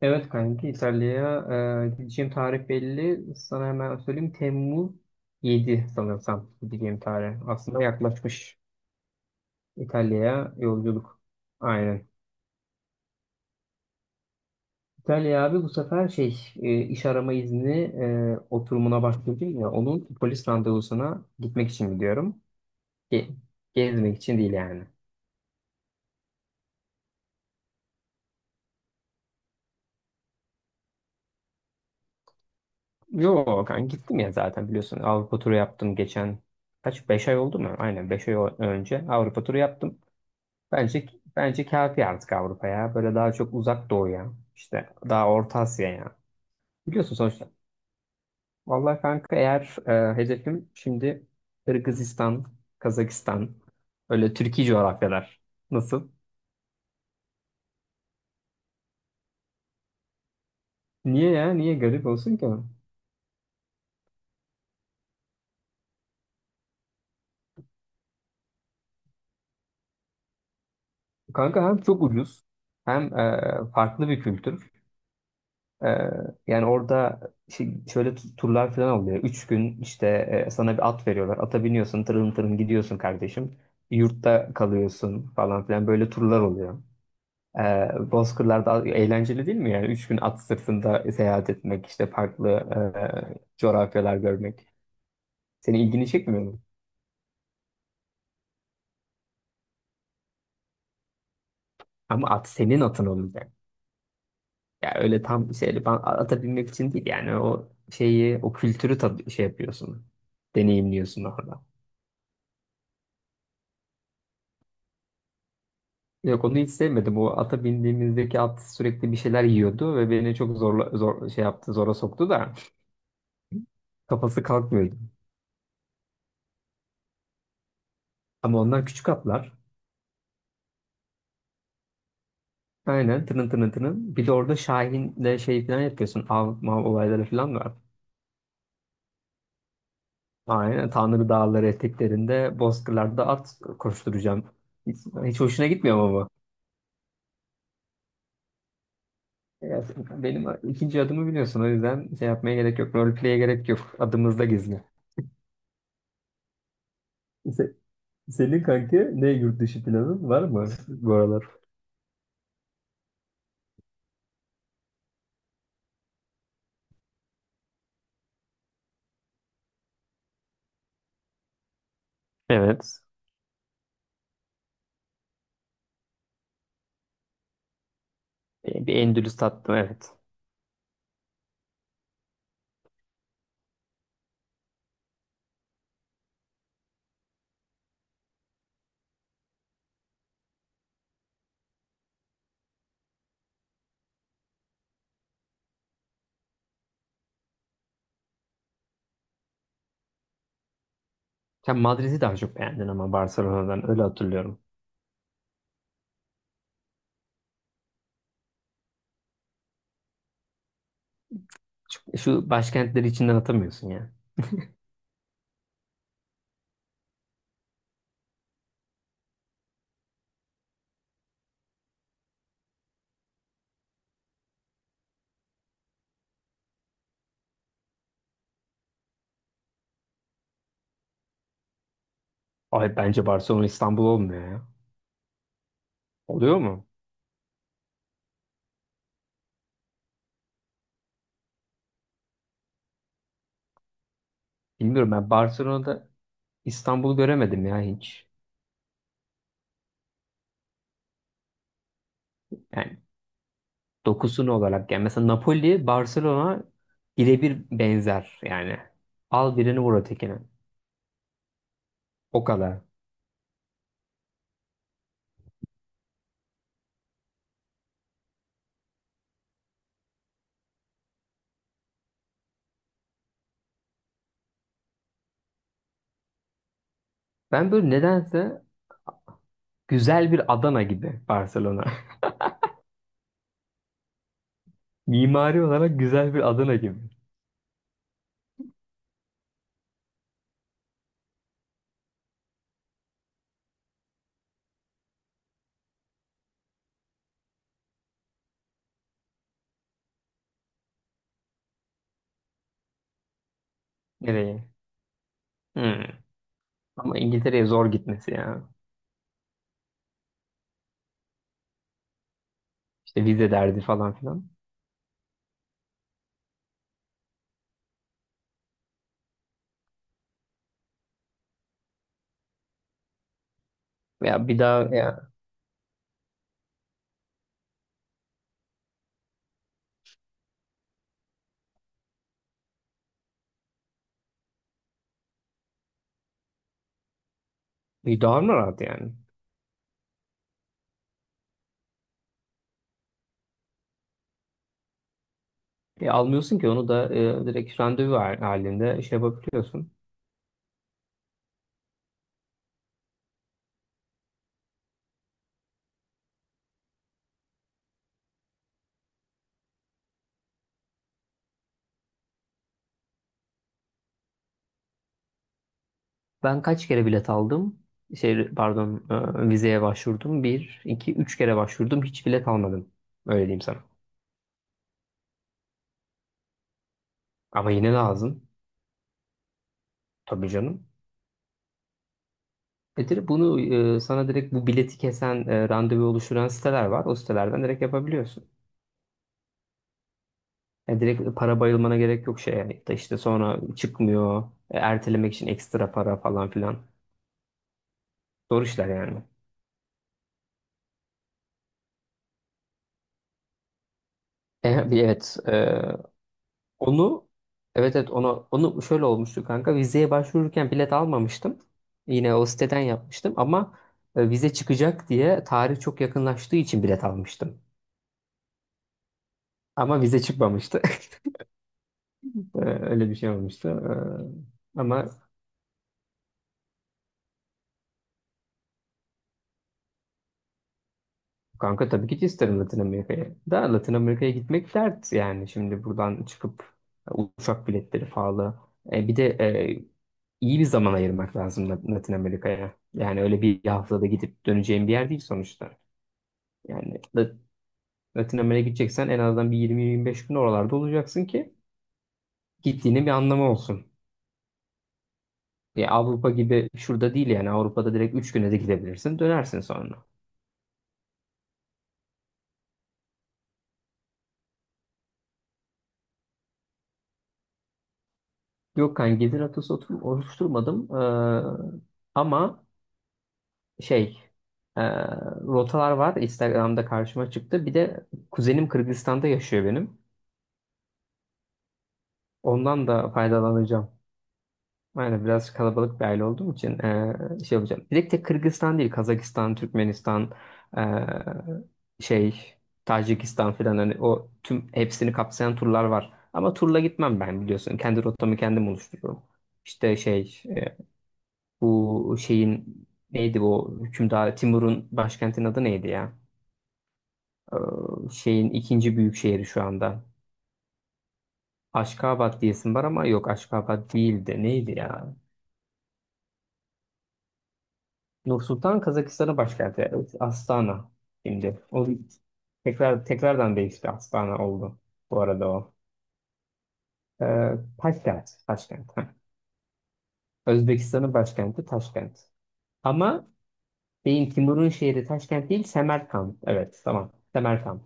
Evet kanki İtalya'ya gideceğim tarih belli. Sana hemen söyleyeyim. Temmuz 7 sanırsam gideceğim tarih. Aslında yaklaşmış İtalya'ya yolculuk. Aynen. İtalya abi bu sefer şey iş arama izni oturumuna başlayacağım ya onun polis randevusuna gitmek için gidiyorum. Ge- Gezmek için değil yani. Yo kanka gittim ya zaten biliyorsun Avrupa turu yaptım geçen kaç 5 ay oldu mu? Aynen 5 ay önce Avrupa turu yaptım. Bence Bence kafi artık Avrupa'ya. Böyle daha çok uzak doğuya, işte daha Orta Asya'ya. Biliyorsun sonuçta. Vallahi kanka eğer hedefim şimdi Kırgızistan, Kazakistan, öyle Türkiye coğrafyalar. Nasıl? Niye ya? Niye garip olsun ki? Kanka hem çok ucuz hem farklı bir kültür. Ee, Yani orada şöyle turlar falan oluyor. Üç gün işte sana bir at veriyorlar. Ata biniyorsun, tırın tırın gidiyorsun kardeşim. Yurtta kalıyorsun falan filan böyle turlar oluyor. Bozkırlar'da eğlenceli değil mi? Yani üç gün at sırtında seyahat etmek, işte farklı coğrafyalar görmek. Senin ilgini çekmiyor mu? Ama at senin atın olacak. Ya öyle tam şeyle ben ata binmek için değil yani o şeyi, o kültürü tad şey yapıyorsun, deneyimliyorsun orada. Yok onu hiç sevmedim. O ata bindiğimizdeki at sürekli bir şeyler yiyordu ve beni çok zorla, şey yaptı, zora soktu da kafası kalkmıyordu. Ama onlar küçük atlar. Aynen tının tının tının. Bir de orada Şahin'le şey falan yapıyorsun. Av, mav olayları falan var. Aynen Tanrı dağları eteklerinde bozkırlarda at koşturacağım. Hiç, hiç hoşuna gitmiyor ama bu. Ya, benim ikinci adımı biliyorsun. O yüzden şey yapmaya gerek yok. Roleplay'e gerek yok. Adımızda gizli. Se- Senin kanki ne yurt dışı planın var mı bu aralar? Evet. Bir Endülüs tattım evet. Sen Madrid'i daha çok beğendin ama Barcelona'dan öyle hatırlıyorum. Şu başkentleri içinden atamıyorsun ya. Ay bence Barcelona İstanbul olmuyor ya. Oluyor mu? Bilmiyorum ben Barcelona'da İstanbul'u göremedim ya hiç. Yani dokusunu olarak yani mesela Napoli Barcelona birebir benzer yani. Al birini vur ötekine. O kadar. Ben böyle nedense güzel bir Adana gibi Barcelona. Mimari olarak güzel bir Adana gibi. Nereye? Hmm. Ama İngiltere'ye zor gitmesi ya. İşte vize derdi falan filan. Ya bir daha ya, bir daha mı rahat yani? E, almıyorsun ki onu da direkt randevu halinde şey yapabiliyorsun. Ben kaç kere bilet aldım? Şey pardon vizeye başvurdum. Bir, iki, üç kere başvurdum. Hiç bilet almadım. Öyle diyeyim sana. Ama yine lazım. Tabii canım. E direkt bunu sana direkt bu bileti kesen randevu oluşturan siteler var. O sitelerden direkt yapabiliyorsun. Yani direkt para bayılmana gerek yok şey yani. Da işte sonra çıkmıyor. Ertelemek için ekstra para falan filan. Zor işler yani. Bir evet. e, onu Evet, evet, onu şöyle olmuştu kanka. Vizeye başvururken bilet almamıştım. Yine o siteden yapmıştım ama vize çıkacak diye tarih çok yakınlaştığı için bilet almıştım. Ama vize çıkmamıştı. Öyle bir şey olmuştu. Ama kanka tabii ki isterim Latin Amerika'ya. Da Latin Amerika'ya gitmek dert yani. Şimdi buradan çıkıp uçak biletleri pahalı. Bir de iyi bir zaman ayırmak lazım Latin Amerika'ya. Yani öyle bir haftada gidip döneceğim bir yer değil sonuçta. Yani Latin Amerika'ya gideceksen en azından bir 20-25 gün oralarda olacaksın ki gittiğinin bir anlamı olsun. Ya Avrupa gibi şurada değil yani Avrupa'da direkt 3 güne de gidebilirsin dönersin sonra. Yok kanka gelir atası oluşturmadım. Ama şey e, rotalar var Instagram'da karşıma çıktı. Bir de kuzenim Kırgızistan'da yaşıyor benim. Ondan da faydalanacağım. Aynen biraz kalabalık bir aile olduğum için şey yapacağım. Bir de tek Kırgızistan değil Kazakistan, Türkmenistan, e, şey Tacikistan falan hani o tüm hepsini kapsayan turlar var. Ama turla gitmem ben biliyorsun. Kendi rotamı kendim oluştururum. İşte şey bu şeyin neydi bu hükümdar Timur'un başkentinin adı neydi ya? Şeyin ikinci büyük şehri şu anda. Aşkabat diyesim var ama yok Aşkabat değildi. Neydi ya? Nur Sultan Kazakistan'ın başkenti. Evet, Astana şimdi. O tekrar tekrardan değişti. Astana oldu bu arada o. Ee, Taşkent. Taşkent. Heh. Özbekistan'ın başkenti Taşkent. Ama beyin Timur'un şehri Taşkent değil Semerkant. Evet tamam. Semerkant.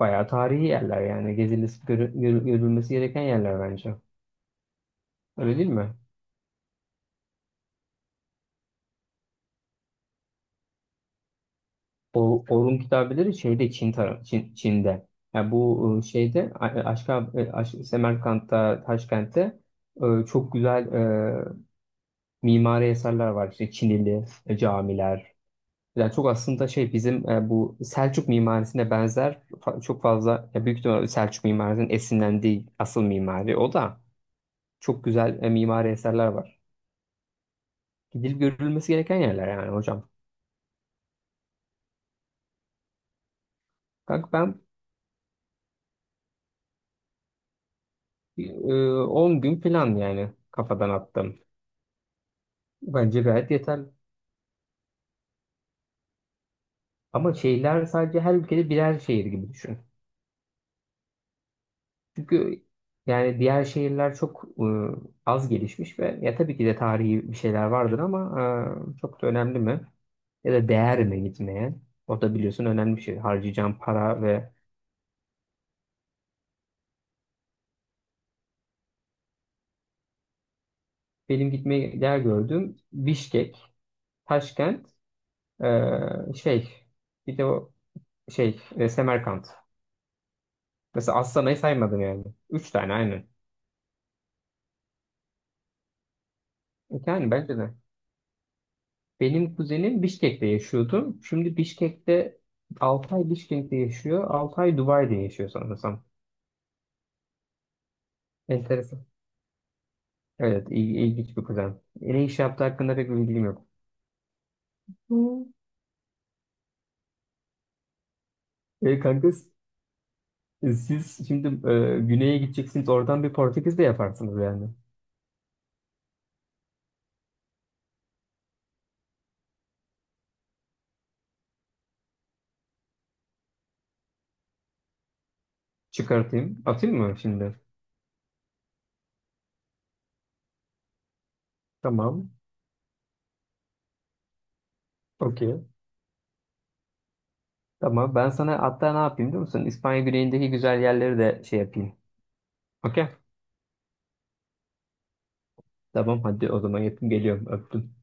Bayağı tarihi yerler yani gezilmesi, görülmesi gereken yerler bence. Öyle değil mi? O Orhun kitabeleri şeyde Çin tarafı Çin'de. Yani bu e, şeyde A- e, Aşka, e, Aş Semerkant'ta, Taşkent'te çok güzel mimari eserler var. İşte Çinili camiler. Yani çok aslında şey bizim bu Selçuk mimarisine benzer çok fazla ya büyük ihtimalle Selçuk mimarisinin esinlendiği asıl mimari o da çok güzel mimari eserler var. Gidilip görülmesi gereken yerler yani hocam. Kanka ben e, 10 gün plan yani kafadan attım. Bence gayet yeterli. Ama şehirler sadece her ülkede birer şehir gibi düşün. Çünkü yani diğer şehirler çok az gelişmiş ve ya tabii ki de tarihi bir şeyler vardır ama çok da önemli mi? Ya da değer mi gitmeye? O da biliyorsun önemli bir şey. Harcayacağım para ve benim gitmeyi değer gördüğüm Bişkek, Taşkent, e, şey bir de o şey e, Semerkant. Mesela Astana'yı saymadım yani. Üç tane aynen. Yani bence de. Benim kuzenim Bişkek'te yaşıyordu. Şimdi Bişkek'te 6 ay Bişkek'te yaşıyor. 6 ay Dubai'de yaşıyor sanırsam. Enteresan. Evet, ilginç bir kuzen. Ne iş yaptığı hakkında pek bir bilgim yok. Hı. E kanka siz şimdi güneye gideceksiniz. Oradan bir Portekiz de yaparsınız yani. Çıkartayım. Atayım mı şimdi? Tamam. Okey. Tamam. Ben sana hatta ne yapayım biliyor musun? İspanya güneyindeki güzel yerleri de şey yapayım. Okey. Tamam hadi o zaman yapayım. Geliyorum. Öptüm.